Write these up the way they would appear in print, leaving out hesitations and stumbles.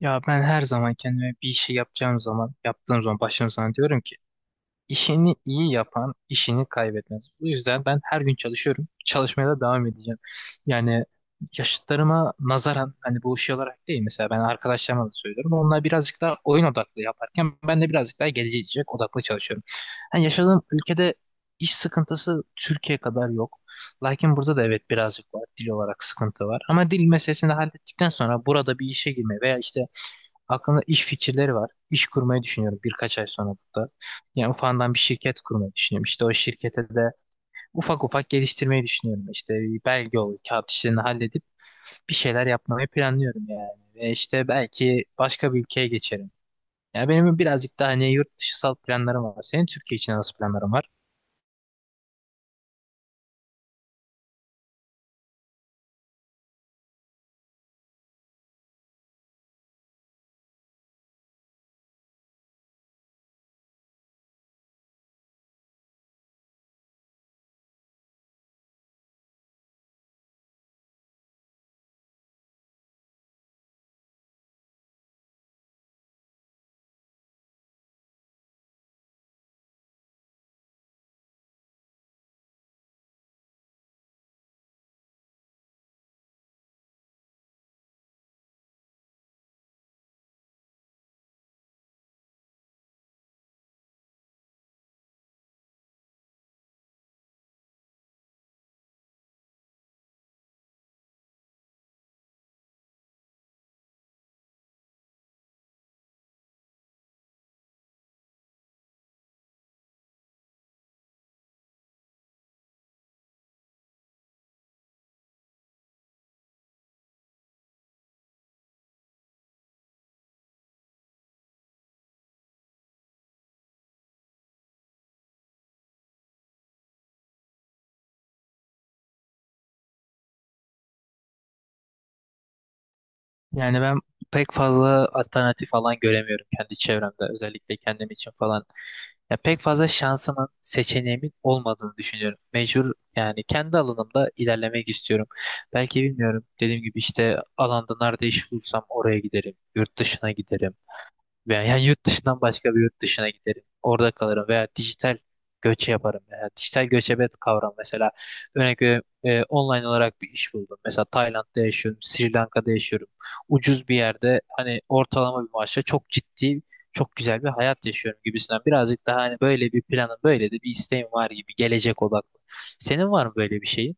Ya ben her zaman kendime bir işi yapacağım zaman, yaptığım zaman başladığım zaman diyorum ki işini iyi yapan işini kaybetmez. Bu yüzden ben her gün çalışıyorum. Çalışmaya da devam edeceğim. Yani yaşıtlarıma nazaran hani bu şey olarak değil, mesela ben arkadaşlarıma da söylüyorum. Onlar birazcık daha oyun odaklı yaparken ben de birazcık daha gelecek odaklı çalışıyorum. Yani yaşadığım ülkede iş sıkıntısı Türkiye kadar yok. Lakin burada da evet birazcık var. Dil olarak sıkıntı var. Ama dil meselesini hallettikten sonra burada bir işe girme veya işte aklımda iş fikirleri var. İş kurmayı düşünüyorum birkaç ay sonra burada. Yani ufandan bir şirket kurmayı düşünüyorum. İşte o şirkete de ufak ufak geliştirmeyi düşünüyorum. İşte bir belge olur, kağıt işlerini halledip bir şeyler yapmayı planlıyorum yani. Ve işte belki başka bir ülkeye geçerim. Yani benim birazcık daha hani yurt dışısal planlarım var. Senin Türkiye için nasıl planların var? Yani ben pek fazla alternatif falan göremiyorum kendi çevremde. Özellikle kendim için falan. Ya pek fazla şansımın, seçeneğimin olmadığını düşünüyorum. Mecbur yani kendi alanımda ilerlemek istiyorum. Belki bilmiyorum. Dediğim gibi işte alanda nerede iş bulursam oraya giderim. Yurt dışına giderim. Veya yani yurt dışından başka bir yurt dışına giderim. Orada kalırım veya dijital göçe yaparım. Veya dijital göçebe kavram mesela. Örnek veriyorum online olarak bir iş buldum. Mesela Tayland'da yaşıyorum, Sri Lanka'da yaşıyorum. Ucuz bir yerde hani ortalama bir maaşla çok ciddi, çok güzel bir hayat yaşıyorum gibisinden. Birazcık daha hani böyle bir planım, böyle de bir isteğim var gibi, gelecek odaklı. Senin var mı böyle bir şeyin?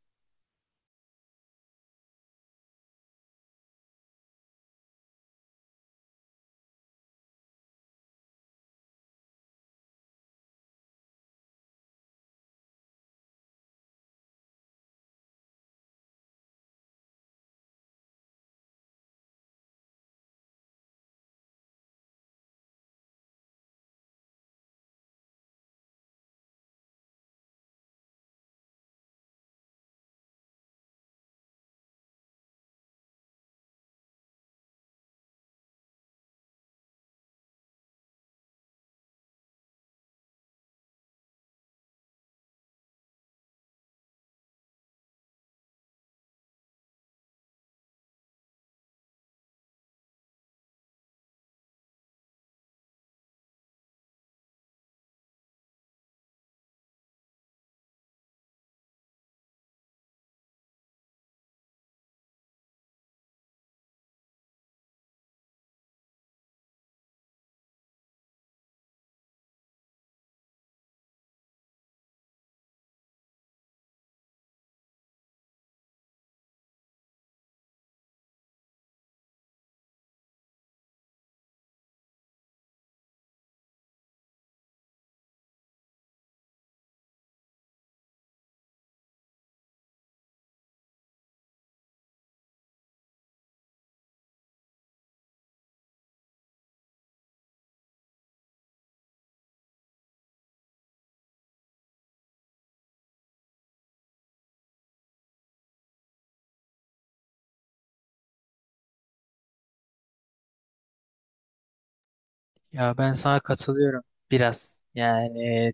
Ya ben sana katılıyorum biraz. Yani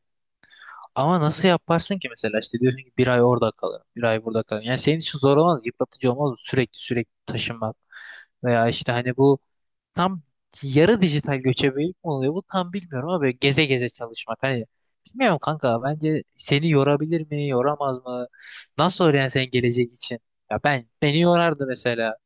ama nasıl yaparsın ki mesela? İşte diyorsun ki bir ay orada kalırım, bir ay burada kalırım. Yani senin için zor olmaz, yıpratıcı olmaz mı sürekli sürekli taşınmak veya işte hani bu tam yarı dijital göçebelik mi oluyor? Bu tam bilmiyorum ama böyle geze geze çalışmak hani bilmiyorum kanka, bence seni yorabilir mi, yoramaz mı? Nasıl olur yani senin gelecek için? Ya ben, beni yorardı mesela.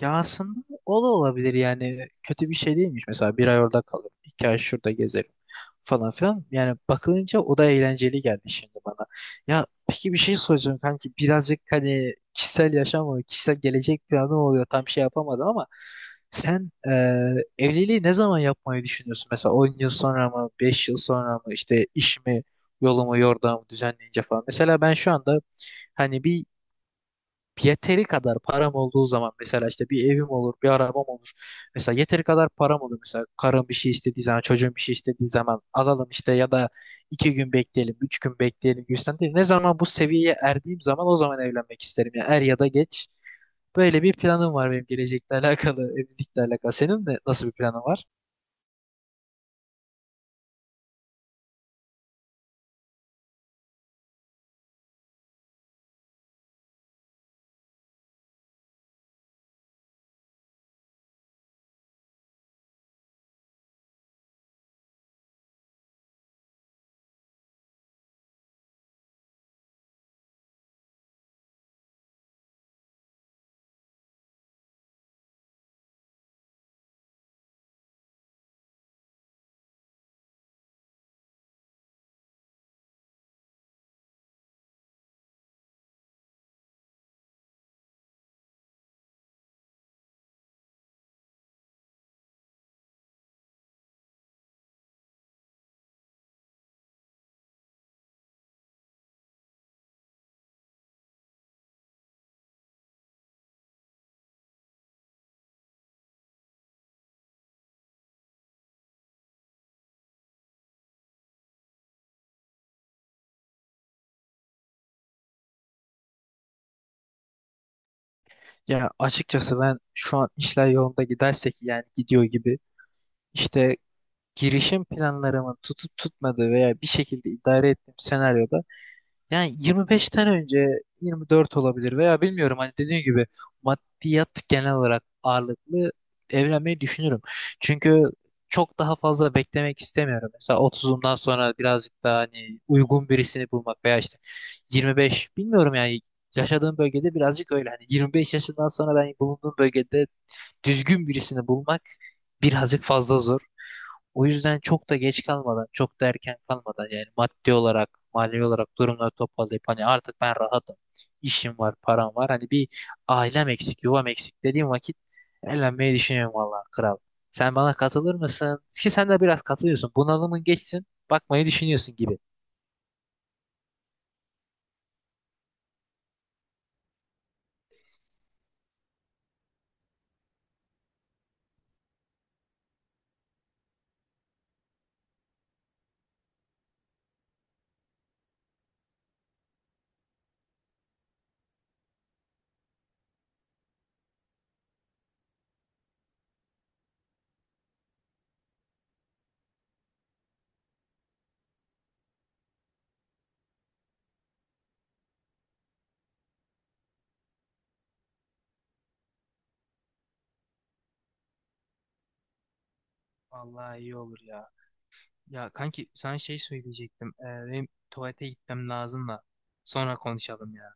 Ya aslında o da olabilir yani, kötü bir şey değilmiş. Mesela bir ay orada kalırım, iki ay şurada gezerim falan filan. Yani bakılınca o da eğlenceli geldi şimdi bana. Ya peki bir şey soracağım kanki, birazcık hani kişisel yaşam oluyor, kişisel gelecek planı oluyor, tam şey yapamadım ama sen evliliği ne zaman yapmayı düşünüyorsun? Mesela 10 yıl sonra mı, 5 yıl sonra mı, işte işimi, yolumu, yordamı düzenleyince falan. Mesela ben şu anda hani bir yeteri kadar param olduğu zaman mesela işte bir evim olur, bir arabam olur. Mesela yeteri kadar param olur. Mesela karım bir şey istediği zaman, çocuğum bir şey istediği zaman alalım işte, ya da 2 gün bekleyelim, 3 gün bekleyelim gibisinden değil. Ne zaman bu seviyeye erdiğim zaman o zaman evlenmek isterim. Yani er ya da geç. Böyle bir planım var benim, gelecekle alakalı, evlilikle alakalı. Senin de nasıl bir planın var? Ya açıkçası ben şu an işler yolunda gidersek, yani gidiyor gibi. İşte girişim planlarımın tutup tutmadığı veya bir şekilde idare ettiğim senaryoda yani 25'ten önce, 24 olabilir veya bilmiyorum, hani dediğim gibi maddiyat genel olarak ağırlıklı, evlenmeyi düşünürüm. Çünkü çok daha fazla beklemek istemiyorum. Mesela 30'umdan sonra birazcık daha hani uygun birisini bulmak veya işte 25, bilmiyorum yani, yaşadığım bölgede birazcık öyle. Hani 25 yaşından sonra ben bulunduğum bölgede düzgün birisini bulmak birazcık fazla zor. O yüzden çok da geç kalmadan, çok da erken kalmadan, yani maddi olarak, manevi olarak durumları toparlayıp hani artık ben rahatım, işim var, param var. Hani bir ailem eksik, yuvam eksik dediğim vakit evlenmeyi düşünüyorum vallahi kral. Sen bana katılır mısın? Ki sen de biraz katılıyorsun. Bunalımın geçsin, bakmayı düşünüyorsun gibi. Vallahi iyi olur ya. Ya kanki sana şey söyleyecektim. Benim tuvalete gitmem lazım da sonra konuşalım ya.